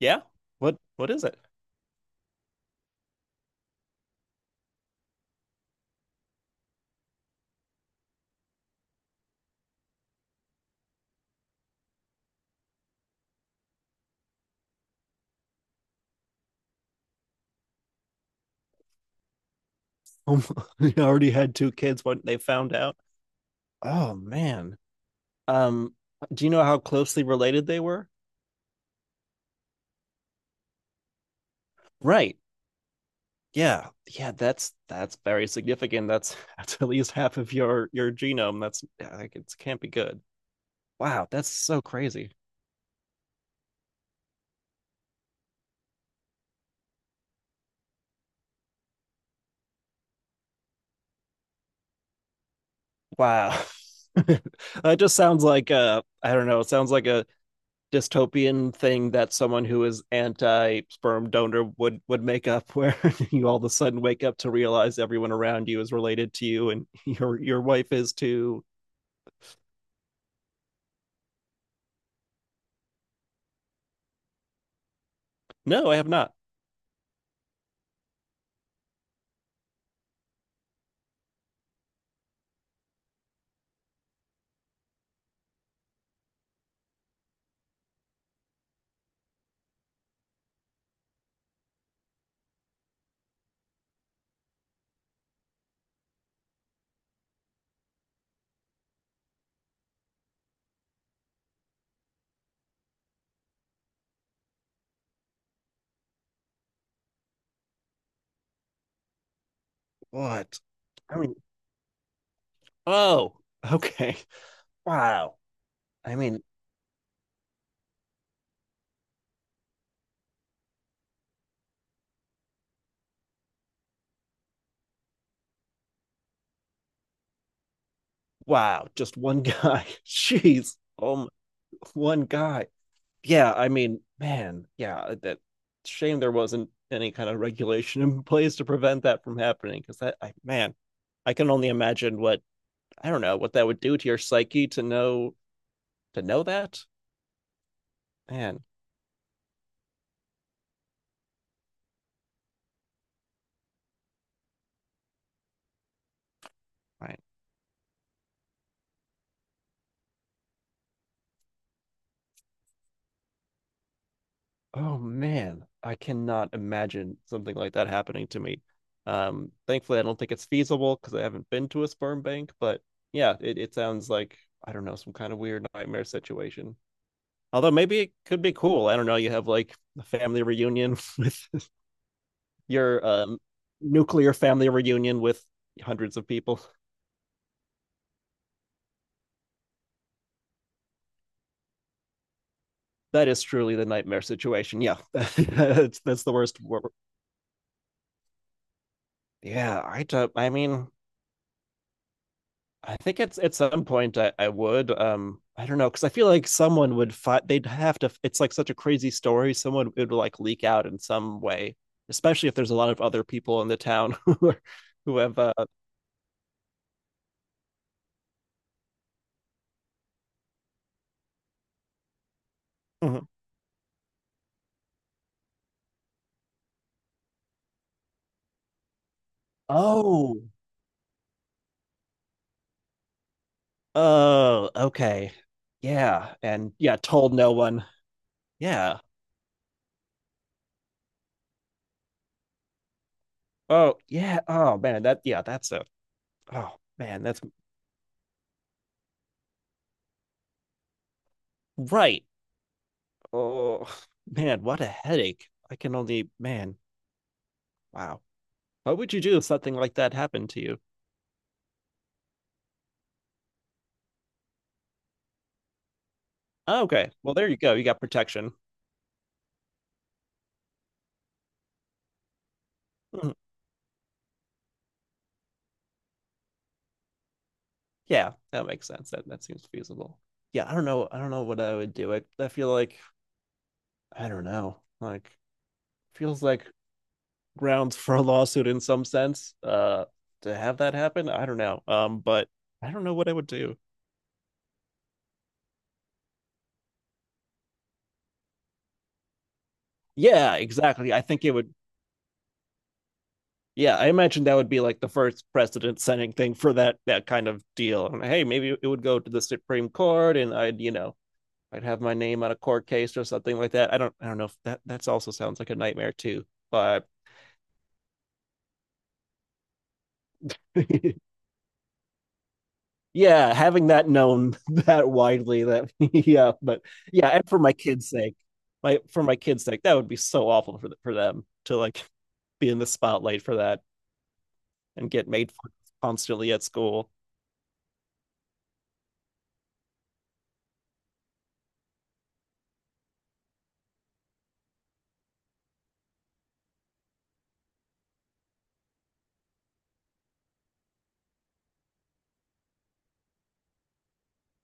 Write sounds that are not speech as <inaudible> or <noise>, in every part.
Yeah. What is it? Oh, <laughs> they already had two kids when they found out. Oh man. Um, do you know how closely related they were? Right. Yeah. Yeah, that's very significant. That's <laughs> that's at least half of your genome. That's yeah, like it can't be good. Wow, that's so crazy. Wow. <laughs> That just sounds like I don't know, it sounds like a dystopian thing that someone who is anti sperm donor would make up <laughs> where you all of a sudden wake up to realize everyone around you is related to you and <laughs> your wife is too. No, I have not. What? I mean. Oh. Okay. Wow. I mean, wow, just one <laughs> guy. Jeez, one guy. Yeah, I mean, man. Yeah, that shame there wasn't any kind of regulation in <laughs> place to prevent that from happening because that, I man, I can only imagine what I don't know what that would do to your psyche to know that. Man, right. Oh man, I cannot imagine something like that happening to me. Thankfully, I don't think it's feasible because I haven't been to a sperm bank. But yeah, it sounds like I don't know, some kind of weird nightmare situation. Although maybe it could be cool. I don't know. You have like a family reunion with <laughs> your nuclear family reunion with hundreds of people. That is truly the nightmare situation. Yeah, <laughs> that's the worst. Yeah, I don't. I mean, I think it's at some point I would. I don't know because I feel like someone would fight. They'd have to. It's like such a crazy story. Someone it would like leak out in some way, especially if there's a lot of other people in the town <laughs> who are, who have. Mhm. Oh, oh, okay, yeah, and yeah, told no one. Yeah. Oh, yeah. Oh man, that yeah, that's a. Oh man, that's right. Oh man, what a headache. I can only man. Wow. What would you do if something like that happened to you? Oh, okay. Well, there you go. You got protection. <laughs> Yeah, that makes sense. That seems feasible. Yeah, I don't know. I don't know what I would do. I feel like I don't know. Like feels like grounds for a lawsuit in some sense. To have that happen, I don't know. But I don't know what I would do. Yeah, exactly. I think it would. Yeah, I imagine that would be like the first precedent setting thing for that kind of deal. And hey, maybe it would go to the Supreme Court, and I'd you know I'd have my name on a court case or something like that. I don't know if that's also sounds like a nightmare too. But <laughs> yeah, having that known <laughs> that widely that <laughs> yeah, but yeah, and for my kids' sake, that would be so awful for the, for them to like be in the spotlight for that and get made fun of constantly at school.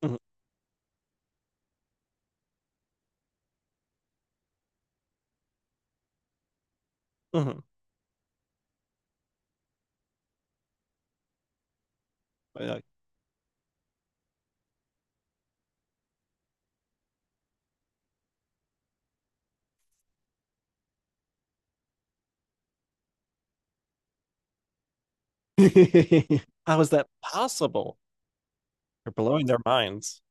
Mhm, mhm. Like, <laughs> how is that possible? They are blowing their minds.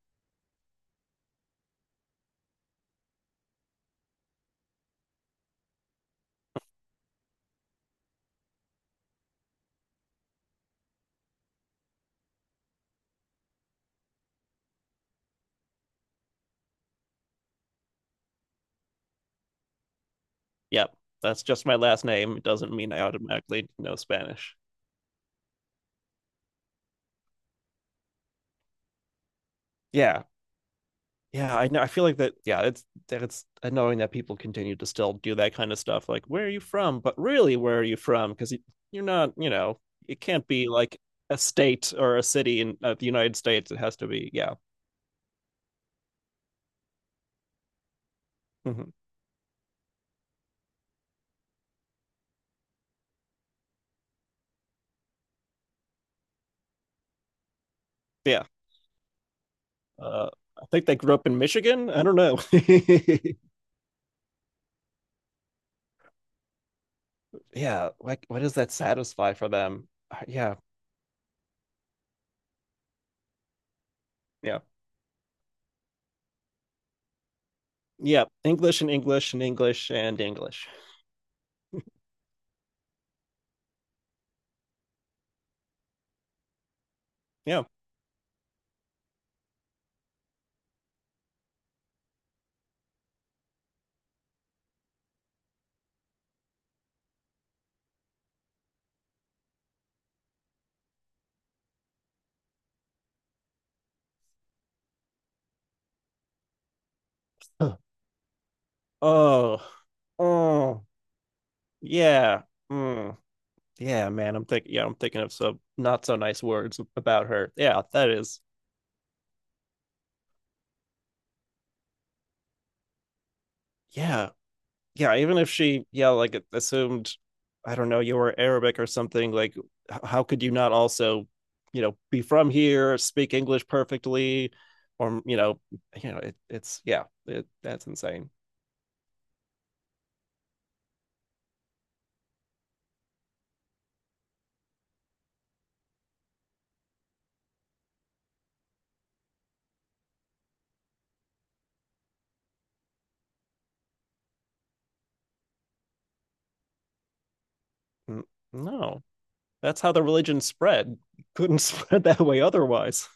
Yep, that's just my last name. It doesn't mean I automatically know Spanish. Yeah, yeah, I know. I feel like that. Yeah, it's that it's annoying that people continue to still do that kind of stuff. Like, where are you from? But really, where are you from? Because you're not. You know, it can't be like a state or a city in the United States. It has to be. Yeah, hmm, yeah. Uh, I think they grew up in Michigan. I don't know. <laughs> Yeah, like what does that satisfy for them? Yeah, yeah, yeah. English and English and English and English. Yeah. Huh. Oh, oh, yeah. Mm. Yeah, man, I'm thinking. Yeah, I'm thinking of some not so nice words about her. Yeah, that is. Yeah, yeah. Even if she, yeah, like assumed, I don't know, you were Arabic or something. Like, how could you not also, you know, be from here, speak English perfectly, or you know, it's yeah, that's insane. N- No, that's how the religion spread. Couldn't <laughs> spread that way otherwise.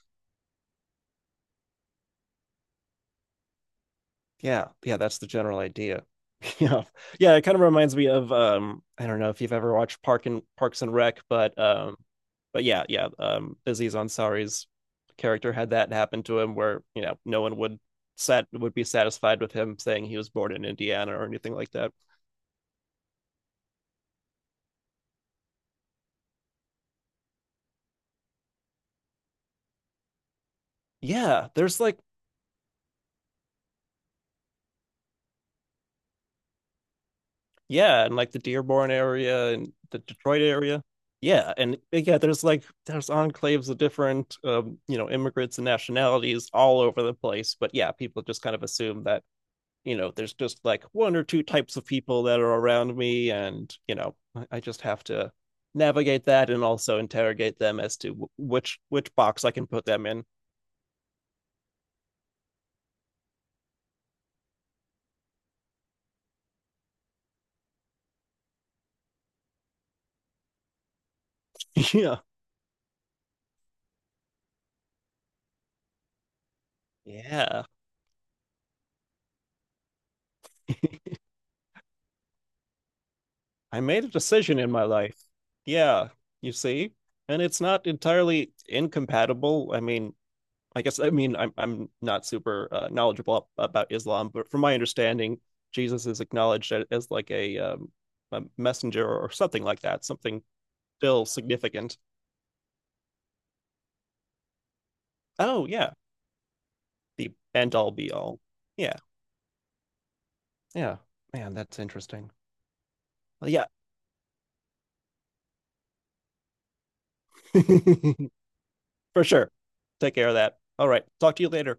Yeah, yeah, that's the general idea. <laughs> Yeah, yeah, it kind of reminds me of I don't know if you've ever watched Parks and Rec, but but yeah, yeah, Aziz Ansari's character had that happen to him where no one would be satisfied with him saying he was born in Indiana or anything like that. Yeah, there's like yeah, and like the Dearborn area and the Detroit area. Yeah, and yeah, there's like there's enclaves of different you know, immigrants and nationalities all over the place. But yeah, people just kind of assume that, you know, there's just like one or two types of people that are around me and, you know, I just have to navigate that and also interrogate them as to which box I can put them in. <laughs> Yeah. Yeah. I made a decision in my life. Yeah, you see? And it's not entirely incompatible. I mean, I guess I mean I'm not super knowledgeable about Islam, but from my understanding, Jesus is acknowledged as like a messenger or something like that, something still significant. Oh yeah, the end all be all. Yeah. Yeah. Man, that's interesting. Yeah. <laughs> For sure. Take care of that. All right. Talk to you later.